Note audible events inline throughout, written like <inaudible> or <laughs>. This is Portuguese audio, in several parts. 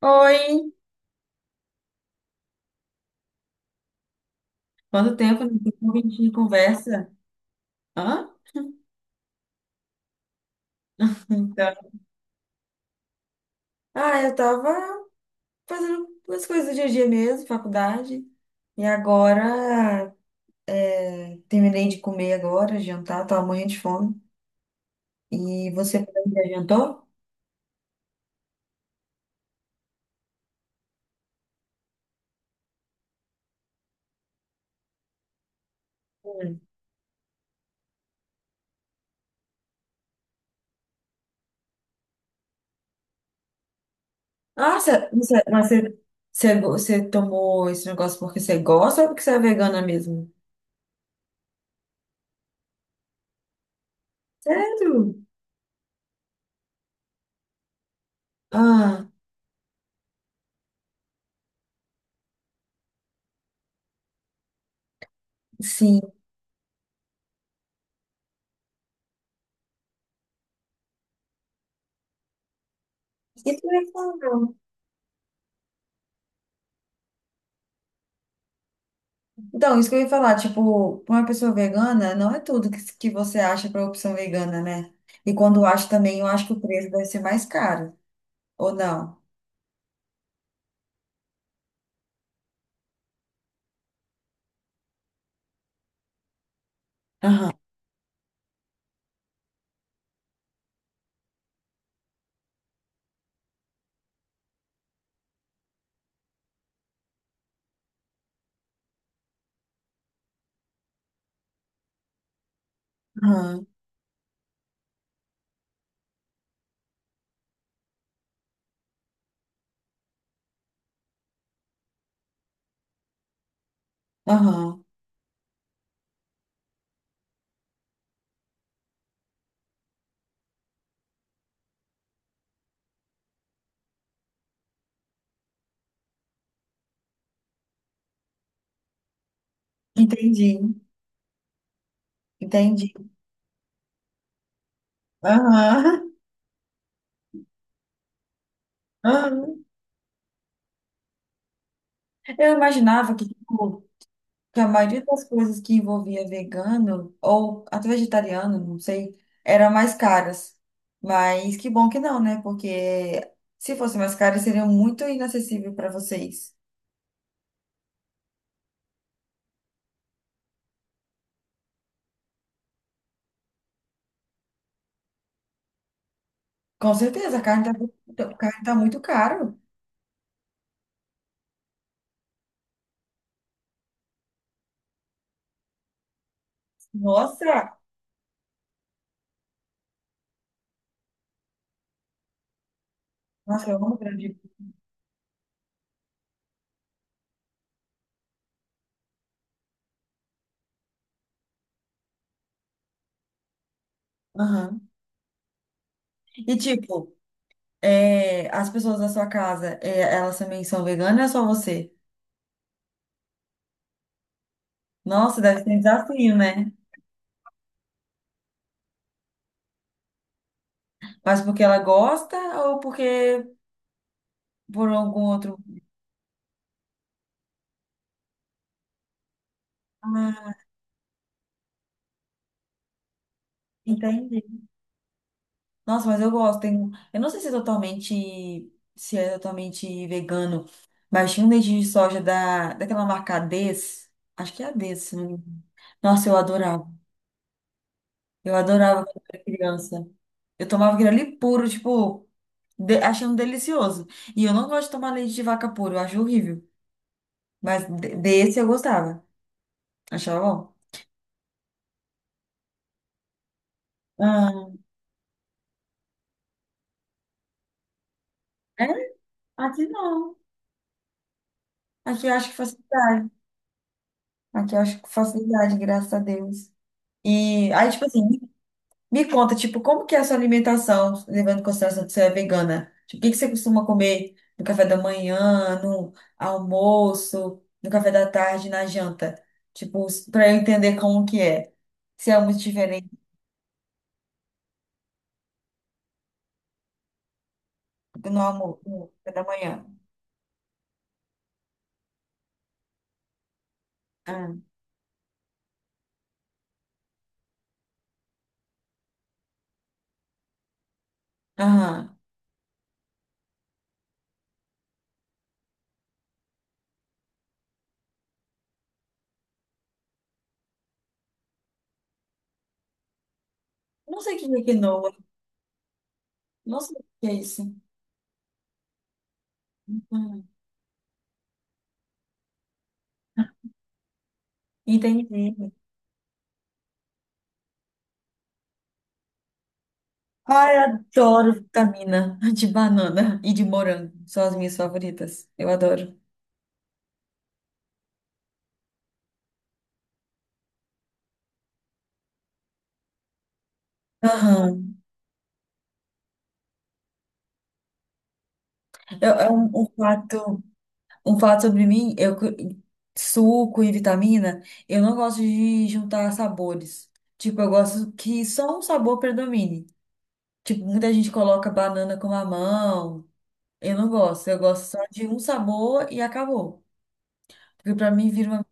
Oi, quanto tempo, não tem como a gente conversa? Hã? Então, ah, eu tava fazendo as coisas do dia a dia mesmo, faculdade, e agora terminei de comer agora, jantar, tava morrendo de fome. E você já jantou? Hum. Você, mas você, você tomou esse negócio porque você gosta ou porque você é vegana mesmo? Sério? Ah, sim. E tu é vegana? Então, isso que eu ia falar, tipo, pra uma pessoa vegana, não é tudo que você acha para opção vegana, né? E quando acha também, eu acho que o preço deve ser mais caro, ou não? Aham, aham, aham. Entendi, entendi. Aham, aham. Eu imaginava que, tipo, que a maioria das coisas que envolvia vegano, ou até vegetariano, não sei, eram mais caras. Mas que bom que não, né? Porque se fosse mais caro, seria muito inacessível para vocês. Com certeza, a carne tá muito caro. Nossa, nossa, eu amo grande. Aham. E tipo, é, as pessoas da sua casa, é, elas também são veganas ou é só você? Nossa, deve ser um desafio, né? Mas porque ela gosta ou porque por algum outro. Ah, entendi. Nossa, mas eu gosto. Tem... Eu não sei se é totalmente, se é totalmente vegano, mas tinha um leite de soja daquela marca Ades. Acho que é Ades, se não me engano. Nossa, eu adorava. Eu adorava quando eu era criança. Eu tomava aquele ali puro, tipo, achando delicioso. E eu não gosto de tomar leite de vaca puro, eu acho horrível. Mas desse eu gostava. Achava bom. Ah, é? Aqui não. Aqui eu acho que facilidade. Aqui eu acho que facilidade, graças a Deus. E aí, tipo assim, me conta, tipo, como que é a sua alimentação, levando em consideração que você é vegana? Tipo, o que que você costuma comer no café da manhã, no almoço, no café da tarde, na janta? Tipo, para eu entender como que é. Se é muito diferente do no almoço, no café da manhã. Ah, aham. Não sei o que é quinoa. Não sei o que é isso. Aham. Entendi. Ai, adoro vitamina de banana e de morango. São as minhas favoritas. Eu adoro. Aham. É, é um, um prato. Um fato sobre mim, suco e vitamina, eu não gosto de juntar sabores. Tipo, eu gosto que só um sabor predomine. Tipo, muita gente coloca banana com mamão. Eu não gosto. Eu gosto só de um sabor e acabou. Porque pra mim vira uma.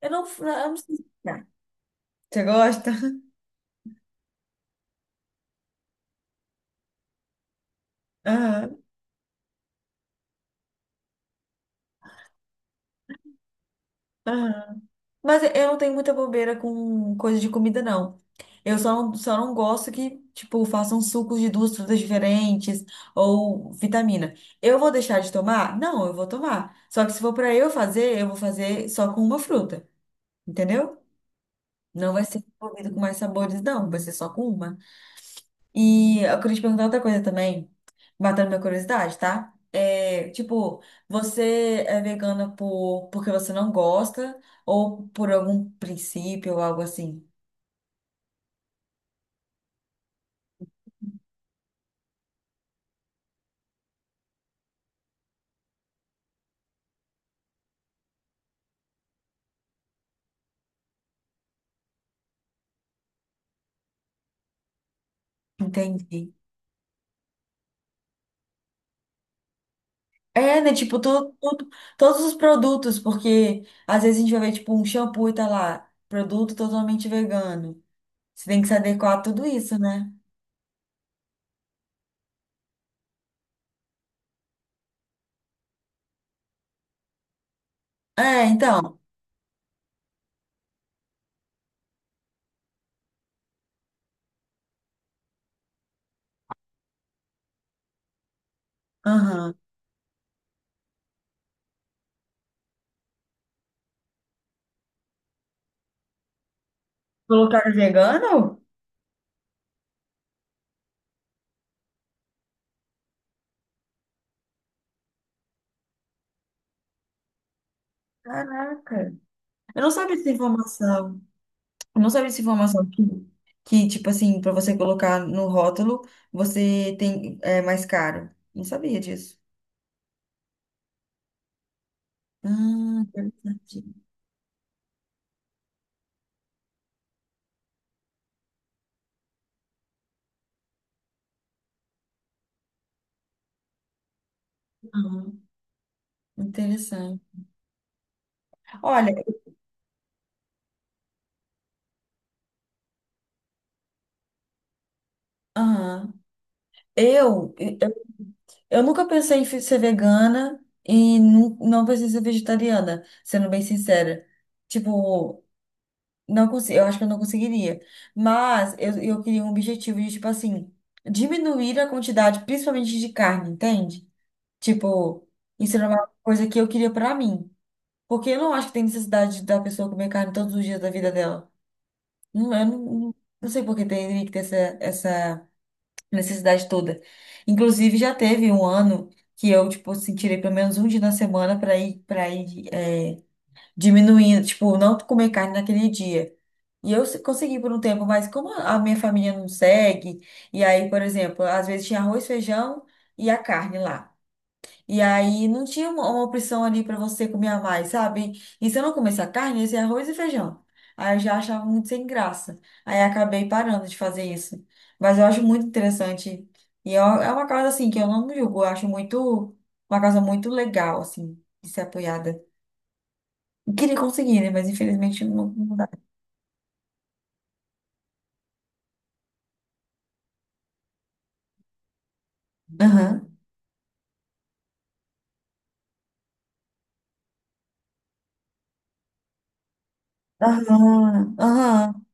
Eu não sei explicar. Você gosta? <laughs> Aham, aham. Mas eu não tenho muita bobeira com coisa de comida, não. Eu só não gosto que, tipo, façam sucos de duas frutas diferentes ou vitamina. Eu vou deixar de tomar? Não, eu vou tomar. Só que se for pra eu fazer, eu vou fazer só com uma fruta, entendeu? Não vai ser envolvido com mais sabores, não. Vai ser só com uma. E eu queria te perguntar outra coisa também, matando minha curiosidade, tá? É, tipo, você é vegana porque você não gosta ou por algum princípio ou algo assim? Entendi. É, né? Tipo, todos os produtos, porque às vezes a gente vai ver, tipo, um shampoo e tá lá, produto totalmente vegano. Você tem que se adequar a tudo isso, né? É, então. Aham. Colocaram vegano? Caraca. Eu não sabia dessa informação. Eu não sabia dessa informação que tipo assim, pra você colocar no rótulo, você tem, é mais caro. Não sabia disso. Ah, interessante. Aham, interessante. Olha, aham. Eu, eu, eu nunca pensei em ser vegana e não pensei em ser vegetariana, sendo bem sincera. Tipo, não consigo, eu acho que eu não conseguiria. Mas eu queria um objetivo de, tipo assim, diminuir a quantidade, principalmente de carne, entende? Tipo, isso era uma coisa que eu queria pra mim. Porque eu não acho que tem necessidade da pessoa comer carne todos os dias da vida dela. Não, eu não, não sei por que teria que ter essa, essa necessidade toda. Inclusive, já teve um ano que eu, tipo, assim, tirei pelo menos um dia na semana para ir, é, diminuindo, tipo, não comer carne naquele dia. E eu consegui por um tempo, mas como a minha família não segue, e aí, por exemplo, às vezes tinha arroz, feijão e a carne lá. E aí não tinha uma opção ali para você comer a mais, sabe? E se eu não comesse a carne, ia ser arroz e feijão. Aí eu já achava muito sem graça. Aí acabei parando de fazer isso. Mas eu acho muito interessante. E é uma causa assim que eu não julgo, eu acho muito uma causa muito legal assim de ser apoiada. Eu queria conseguir, né? Mas infelizmente não dá. Aham. Aham. Aham.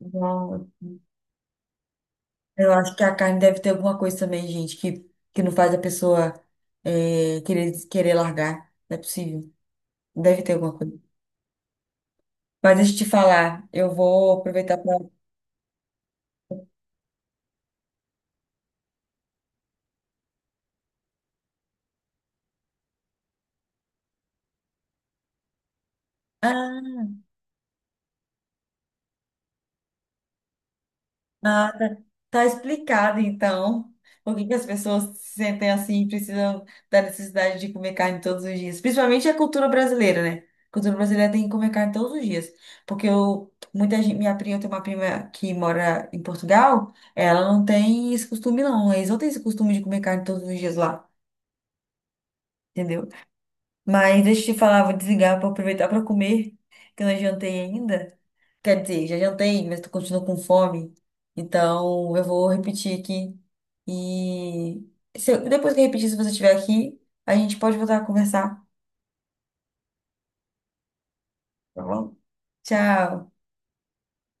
Não, eu acho que a carne deve ter alguma coisa também, gente, que não faz a pessoa eh, querer largar. Não é possível. Deve ter alguma coisa. Mas deixa eu te falar, eu vou aproveitar para. Ah, tá, tá explicado então por que que as pessoas se sentem assim e precisam da necessidade de comer carne todos os dias. Principalmente a cultura brasileira, né? A cultura brasileira tem que comer carne todos os dias. Porque eu, muita gente, minha prima, eu tenho uma prima que mora em Portugal, ela não tem esse costume não. Eles não têm esse costume de comer carne todos os dias lá, entendeu? Mas deixa eu te falar, vou desligar para aproveitar para comer, que eu não jantei ainda. Quer dizer, já jantei, mas tu continua com fome. Então, eu vou repetir aqui. E se eu- depois que eu repetir, se você estiver aqui, a gente pode voltar a conversar. Tá bom? Tchau.